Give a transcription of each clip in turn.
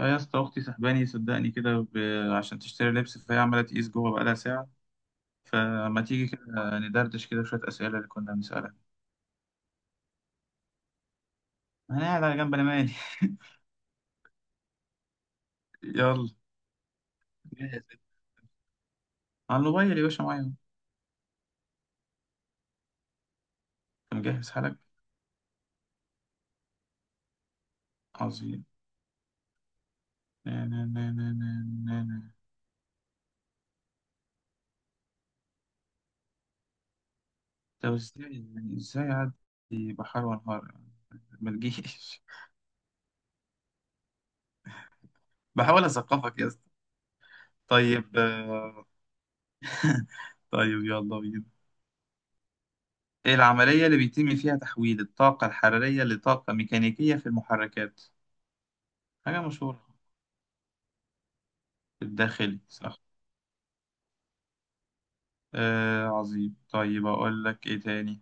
اه يا اسطى، اختي سحباني صدقني كده عشان تشتري لبس، فهي عماله تقيس جوه بقالها ساعه. فما تيجي كده ندردش كده شويه اسئله اللي كنا بنسالها. انا قاعد على جنب، انا مالي يلا. جاهز. على الموبايل يا باشا، معايا أهو. انت مجهز حالك؟ عظيم. نا- نا- نا- نا- نا- نا- نا. طب ازاي؟ يعني ازاي اعدي؟ بحر وانهار؟ ما تجيش. بحاول اثقفك يا اسطى. طيب طيب يلا بينا. العملية اللي بيتم فيها تحويل الطاقة الحرارية لطاقة ميكانيكية في المحركات، حاجة مشهورة، في الداخلي صح؟ آه عظيم، طيب أقول لك إيه تاني؟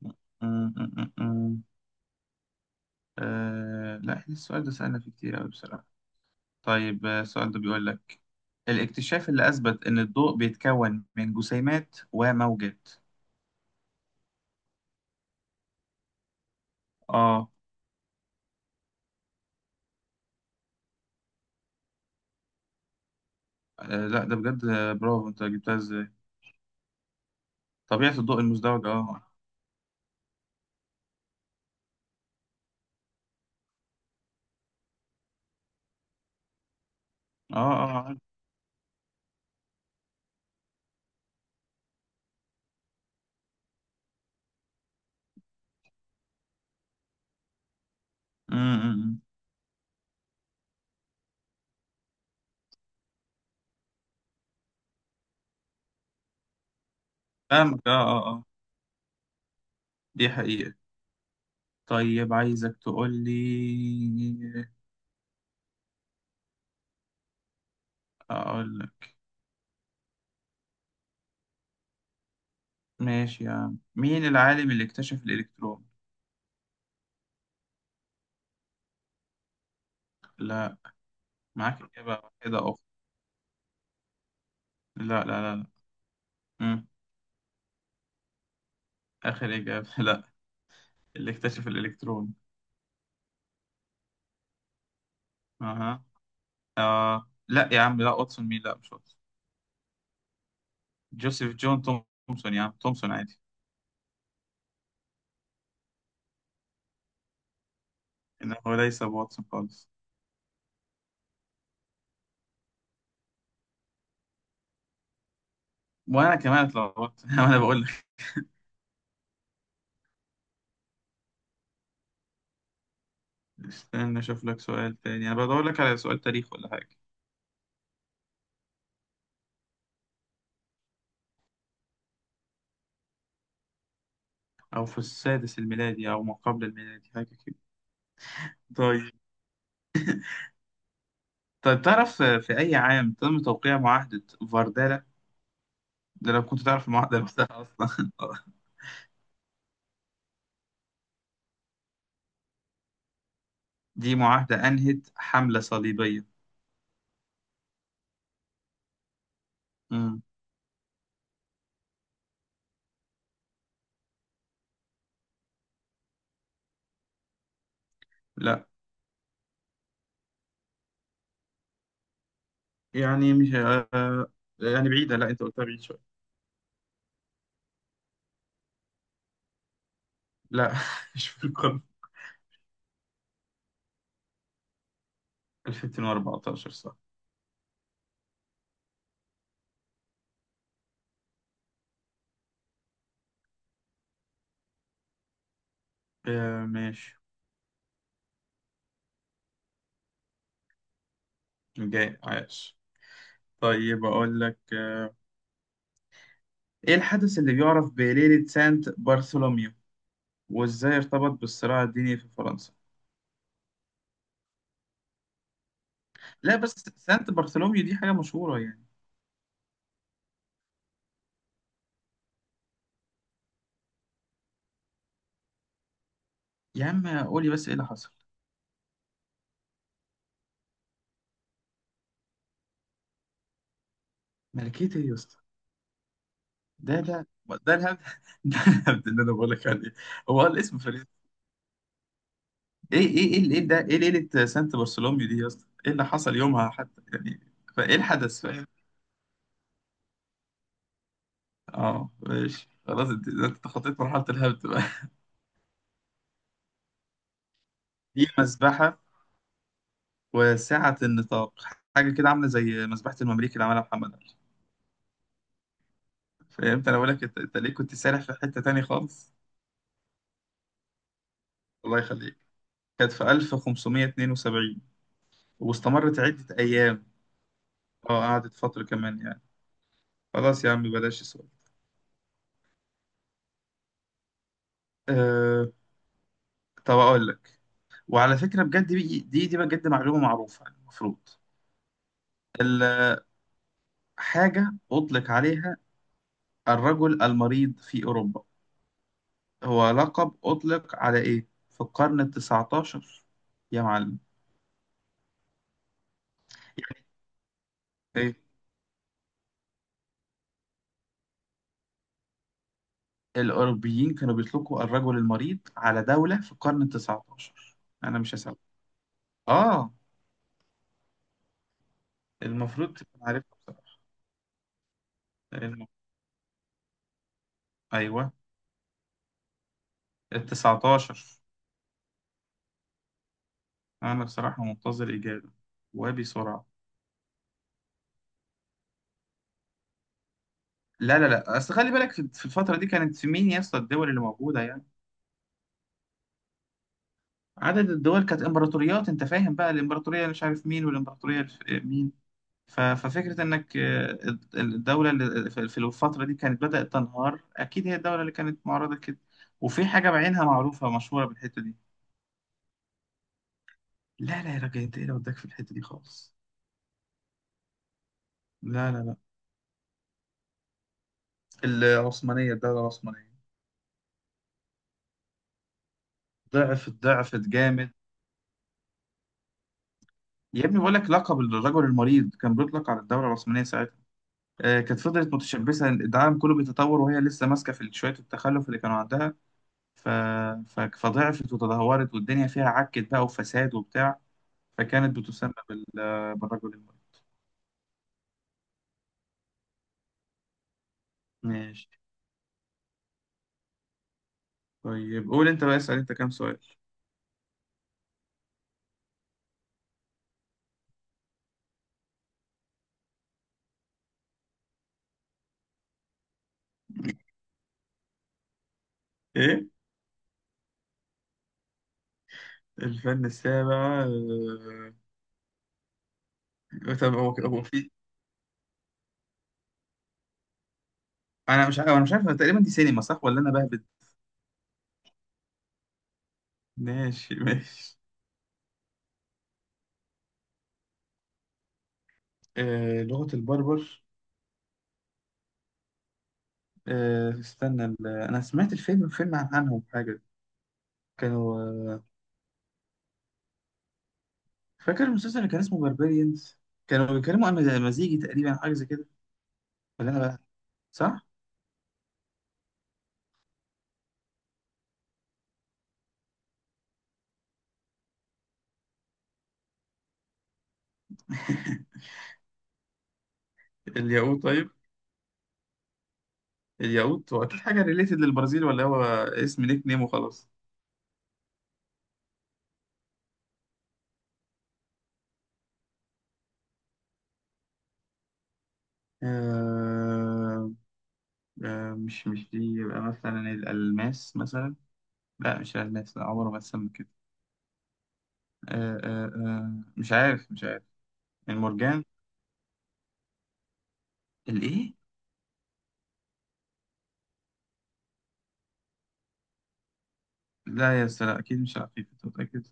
م- م- م- م. آه لا، إحنا السؤال ده سألنا فيه كتير أوي بصراحة. طيب، السؤال ده بيقول لك، الاكتشاف اللي أثبت إن الضوء بيتكون من جسيمات وموجات. آه، آه لا ده بجد، برافو أنت جبتها إزاي؟ طبيعة الضوء المزدوج آه. آه آه عارف. م- م- م. فاهمك، آه آه آه. دي حقيقة. طيب عايزك تقول لي، اقول لك. ماشي يا عم، مين العالم اللي اكتشف الالكترون؟ لا. معاك اجابه كده اخرى؟ لا لا لا لا. مم. اخر اجابه لا. اللي اكتشف الالكترون. اها. آه. لا يا عم، لا واتسون مين، لا مش واتسون. جوزيف جون تومسون، يا عم، تومسون عادي. انه ليس واتسون خالص. وانا كمان اتلخبطت انا بقول لك. استنى اشوف لك سؤال تاني، انا بدور لك على سؤال تاريخ ولا حاجه، او في السادس الميلادي او ما قبل الميلادي، حاجه كده. طيب. طيب تعرف في أي عام تم توقيع معاهدة فاردالا؟ ده لو كنت تعرف المعاهدة نفسها أصلا. دي معاهدة أنهت حملة صليبية. مم. لا، يعني مش، يعني بعيدة، لا أنت قلتها بعيد شوية. لا مش في القرن. 2014 صح. آه، ماشي جاي عايش. طيب أقول لك، إيه الحدث اللي بيعرف بليلة سانت برثولوميو؟ وإزاي ارتبط بالصراع الديني في فرنسا؟ لا بس سانت برثولوميو دي حاجة مشهورة يعني. يا عم قولي بس إيه اللي حصل. ملكية ايه يا اسطى؟ ده ده ده الهبد. ده الهبد اللي انا بقول لك عليه. هو الاسم فريد. ايه ده، ايه ليلة سانت برثولوميو دي يا اسطى؟ ايه اللي حصل يومها حتى يعني؟ فايه الحدث، فاهم؟ اه ماشي، خلاص، انت تخطيت مرحلة الهبد بقى. دي مسبحة وسعة النطاق، حاجة كده عاملة زي مسبحة المماليك اللي عملها محمد علي. فهمت، انا بقول لك انت ليه كنت سارح في حتة تانية خالص؟ الله يخليك. كانت في 1572، واستمرت عدة أيام. اه قعدت فترة كمان يعني. خلاص يا عم بلاش السؤال. أه... طب أقول لك، وعلى فكرة بجد دي بجد معلومة معروفة، يعني المفروض الحاجة أطلق عليها الرجل المريض في أوروبا. هو لقب أطلق على إيه في القرن التسعتاشر يا معلم؟ يعني إيه؟ الأوروبيين كانوا بيطلقوا الرجل المريض على دولة في القرن التسعتاشر. أنا مش هسأل. آه. المفروض تبقى عارفها بصراحة. الم- أيوه، التسعتاشر. انا بصراحه منتظر اجابه، وبسرعه. لا لا لا، اصل خلي بالك، في الفتره دي كانت في مين يا اسطى الدول اللي موجوده يعني؟ عدد الدول، كانت امبراطوريات، انت فاهم بقى، الامبراطوريه اللي مش عارف مين والامبراطوريه مين؟ ففكره انك، الدوله اللي في الفتره دي كانت بدات تنهار، اكيد هي الدوله اللي كانت معرضه كده، وفي حاجه بعينها معروفه مشهوره بالحته دي. لا لا يا راجل، انت ايه اللي وداك في الحته دي خالص؟ لا لا لا. العثمانيه، الدوله العثمانيه. ضعفت ضعفت جامد. يا ابني بقول لك، لقب الرجل المريض كان بيطلق على الدوله العثمانيه ساعتها. كانت فضلت متشبثه، العالم كله بيتطور وهي لسه ماسكه في شويه التخلف اللي كانوا عندها. ف... فضعفت وتدهورت، والدنيا فيها عكت بقى، وفساد وبتاع. فكانت بتسمى بالرجل المريض. ماشي. طيب قول انت بقى، اسال انت كام سؤال. ايه الفن السابع؟ طب هو في، انا مش عارف، انا مش عارف تقريبا، دي سينما صح ولا انا بهبد؟ ماشي ماشي. لغة البربر، استنى، انا سمعت الفيلم، فيلم عنهم حاجه. كانوا، فاكر المسلسل اللي كان اسمه باربيريانز؟ كانوا بيتكلموا عن مزيجي تقريبا، حاجه زي كده، ولا انا بقى؟ صح. الياقوت طيب. الياقوت، هو اكيد حاجه ريليتد للبرازيل ولا هو اسم نيك نيم وخلاص؟ آه، مش دي، يبقى مثلا الالماس مثلا. لا مش الالماس، لا عمره ما اتسمى كده. مش عارف، مش عارف. المرجان. الايه؟ لا يا أستاذ، لا اكيد مش عارف، أنت متاكد؟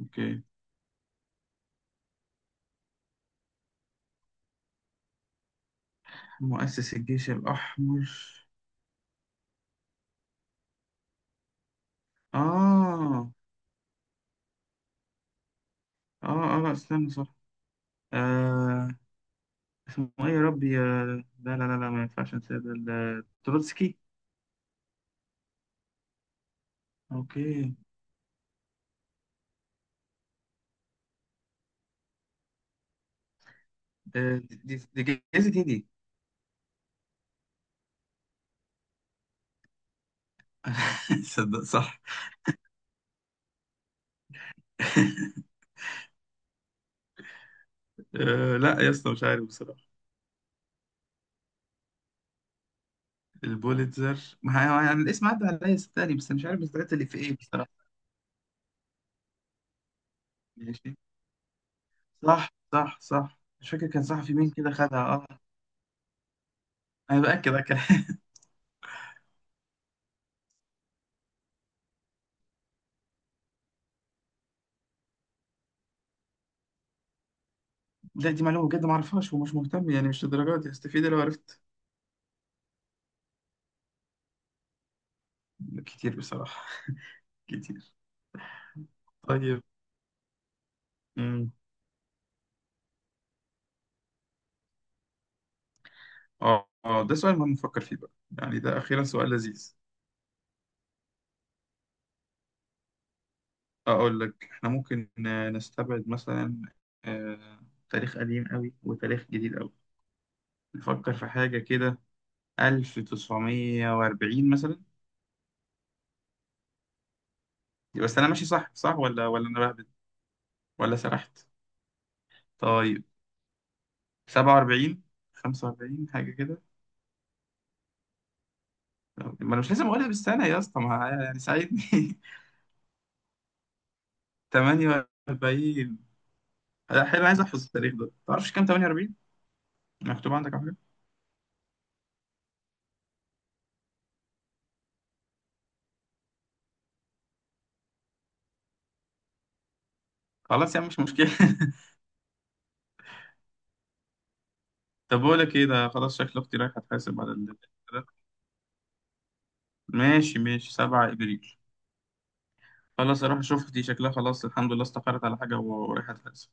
اوكي. مؤسس الجيش الأحمر. آه آه آه لا استنى صح. آه. اسمه إيه يا ربي، لا لا لا لا، ما ينفعش أنسى ده، تروتسكي. أوكي. دي جايزة إيه دي؟ صدق صح. آه لا يا اسطى، مش عارف بصراحة. البوليتزر، ما هي- يعني الاسم عدى عليا صدقني، بس مش عارف الحاجات اللي في إيه بصراحة. ماشي. صح صح صح، مش فاكر كان صحفي مين كده خدها، آه. أنا بأكد أكد. لا دي معلومة بجد ما اعرفهاش ومش مهتم، يعني مش للدرجة دي هستفيد لو عرفت. كتير بصراحة. كتير. طيب. امم ده سؤال ما بنفكر فيه بقى. يعني ده أخيرا سؤال لذيذ. أقول لك احنا ممكن، نستبعد مثلا آه، تاريخ قديم قوي وتاريخ جديد قوي. نفكر في حاجة كده. 1940 مثلا. بس أنا ماشي صح صح، ولا أنا بهبد ولا سرحت؟ طيب 47، 45 حاجة كده. ما أنا مش لازم أقولها بالسنة يا اسطى، ما يعني ساعدني 48. لا حلو، عايز احفظ التاريخ ده، تعرفش كام 48؟ مكتوب عندك على حاجه. خلاص يا عم مش مشكله طب بقول لك ايه، ده خلاص شكل اختي رايحه تحاسب بعد ده ماشي ماشي، 7 ابريل. خلاص اروح اشوف، دي شكلها خلاص الحمد لله استقرت على حاجه ورايحه تحاسب.